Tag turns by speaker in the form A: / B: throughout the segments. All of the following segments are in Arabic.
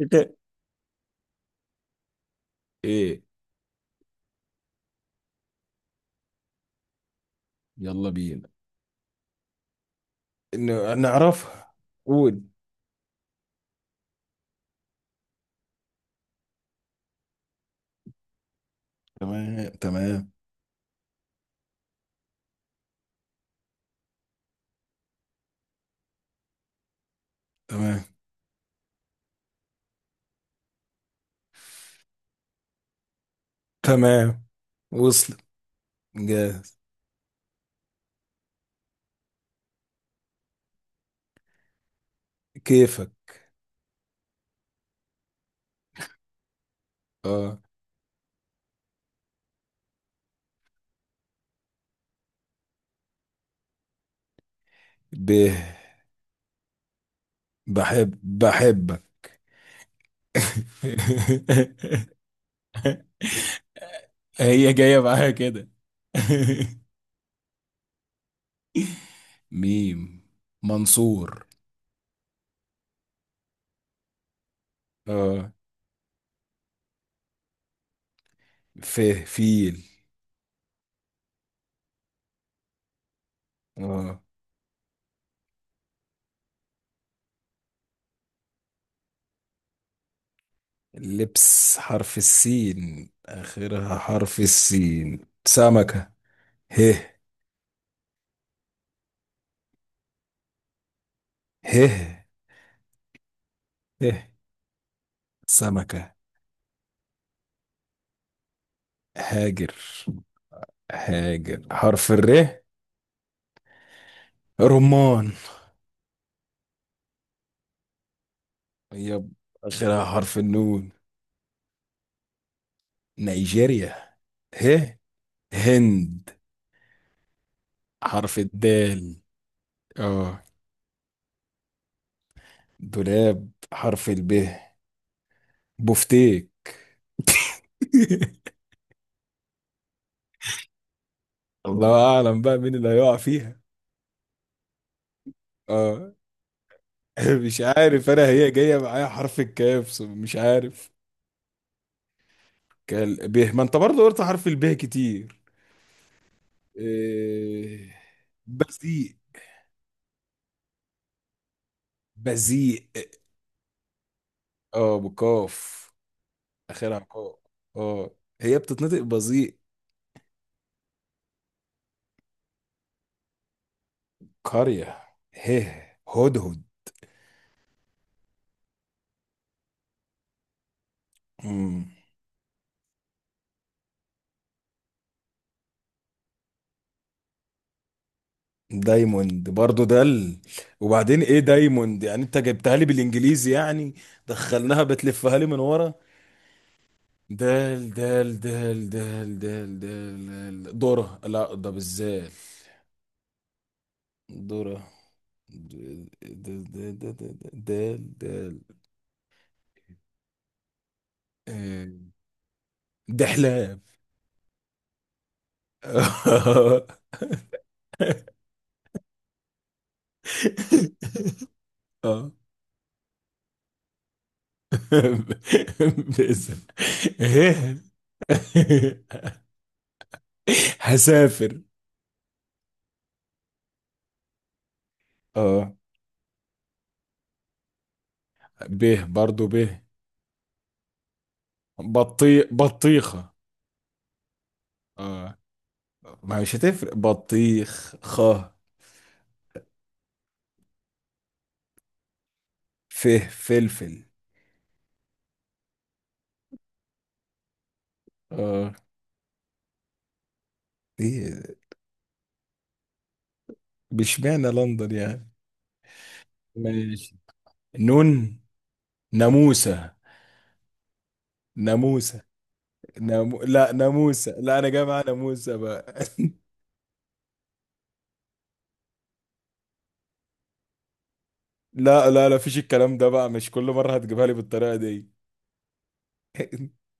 A: شتاء. ايه, يلا بينا. إنه نعرفها. قول. تمام تمام, تمام تمام. وصل. جاهز. كيفك. اه. به. بحب بحبك. هي جاية معاها كده. ميم, منصور. اه. فيه فيل. اه. لبس حرف السين, آخرها حرف السين. سمكة. ه. ه. ه. سمكة. هاجر. هاجر حرف الر. رمان. يب, آخرها حرف النون. نيجيريا. ه. هند حرف الدال. اه. دولاب حرف الب. بفتيك. الله أعلم بقى مين اللي هيقع فيها. اه. مش عارف, انا هي جايه معايا حرف الكاف, مش عارف. كال به, ما انت برضه قلت حرف البه كتير. إيه... بذيء. بذيء. اه بكاف. اخرها قاف. اه هي بتتنطق بذيء. قريه. هه. هدهد. مم. دايموند برضه دل. وبعدين ايه دايموند يعني, انت جبتها لي بالانجليزي يعني, دخلناها بتلفها لي من ورا. دال دال دال دال دال دال. دال ذرة, لا ده بالذال. ذرة. د- د- د- د- د- دال دال. آه، دحلاب. اه. باسم. هيل. هسافر. اه به برضو به. بطي بطيخة. اه. ما مش هتفرق. بطيخ خ. فه. فلفل. اه. ايه, بشمعنى لندن يعني. ماشي. نون. ناموسة. ناموسة. لا ناموسة, لا انا جاي مع ناموسة بقى. لا لا لا, فيش الكلام ده بقى, مش كل مرة هتجيبها لي بالطريقة دي.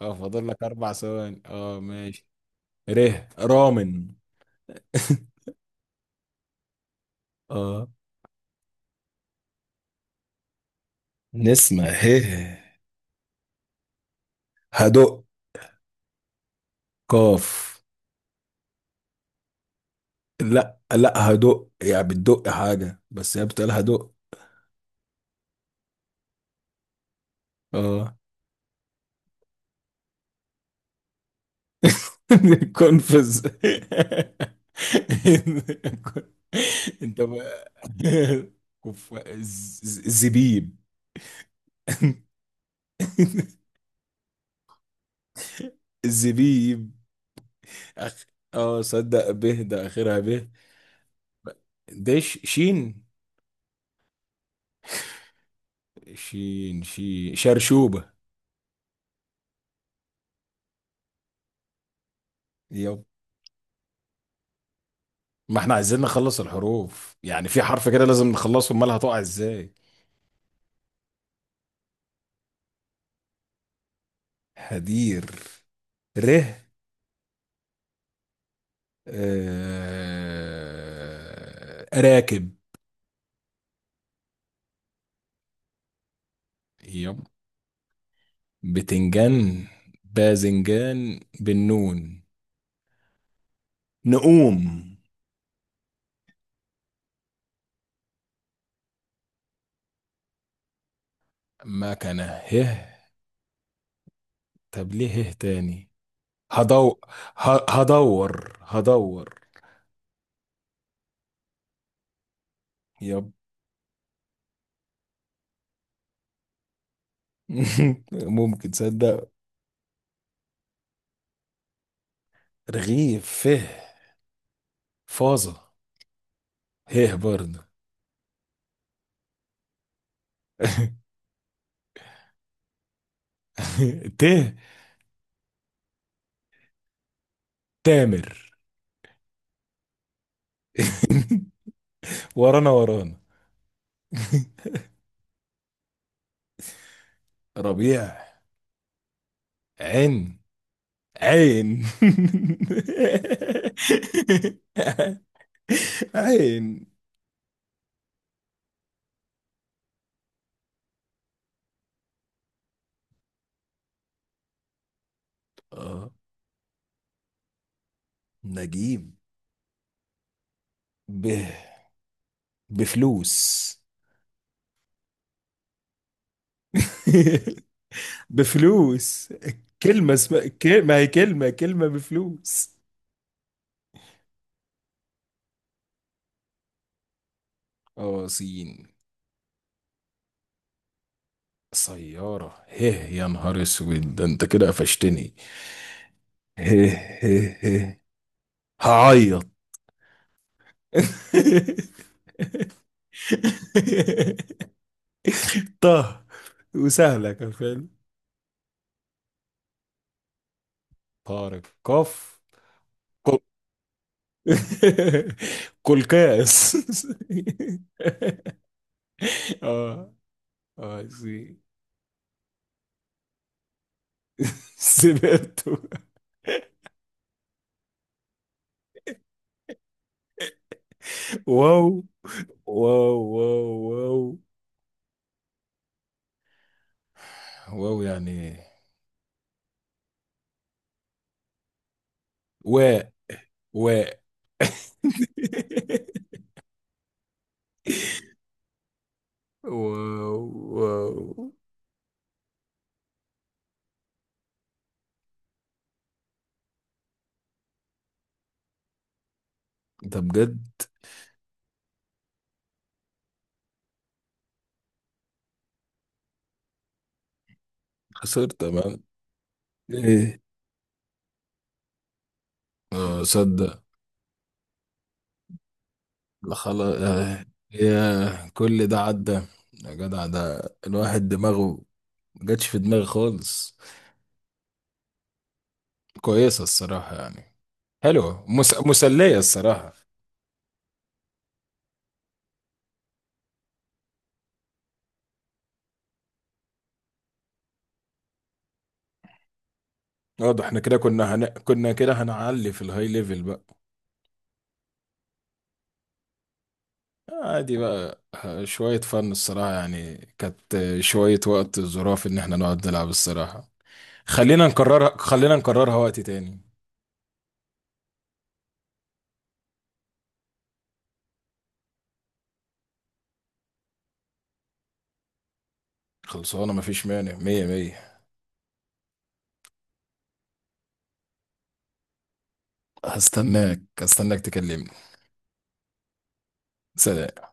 A: اه فاضل لك اربع ثواني. اه ماشي. ره, رامن. اه. نسمة. هه. هدق. قاف. لا لا, هدق يعني بتدق حاجة, بس هي بتقول هدق. اه. كونفز. انت بقى. زبيب. زبيب. أخ... اه صدق به, ده اخرها به. ده شين. شين شي شرشوبة. يب. ما احنا عايزين نخلص الحروف يعني, في حرف كده لازم نخلصه, امال هتقع ازاي. هدير. ره. راكب. يب. بتنجان. باذنجان بالنون. نقوم. مكنة. هه. طب ليه هه تاني. هدو. هدور هدور. يب. ممكن تصدق. رغيف. فه. فاظة. هه برضه. ته. تامر. ورانا ورانا. ربيع. عين. عين. عين. اه. نجيب. ب... بفلوس. بفلوس, كلمة اسمها ما هي كلمة, كلمة بفلوس. اه سين. سيارة. هيه يا نهار اسود, ده انت كده قفشتني. هيه. هيه هيه. هعيط. طه. وسهلة كان فاهم. طارق قف. كل. كل كاس. اه. Ah, sí. Cierto. Wow, wow, wow, wow. Wow, يعني. واء. واء. واو. واو. ده بجد. خسرت تمام. ايه. اه صدق. لا خلاص آه. يا كل ده عدى. يا جدع, ده الواحد دماغه ما جاتش في دماغي خالص. كويسة الصراحة يعني. حلوة, مسلية الصراحة. اه ده احنا كده كنا كده هنعلي في الهاي ليفل بقى. عادي بقى, شوية فن الصراحة يعني, كانت شوية وقت ظراف ان احنا نقعد نلعب الصراحة. خلينا نكررها, خلينا نكررها وقت تاني. خلصانة, مفيش مانع, مية مية. هستناك, هستناك تكلمني. سلام.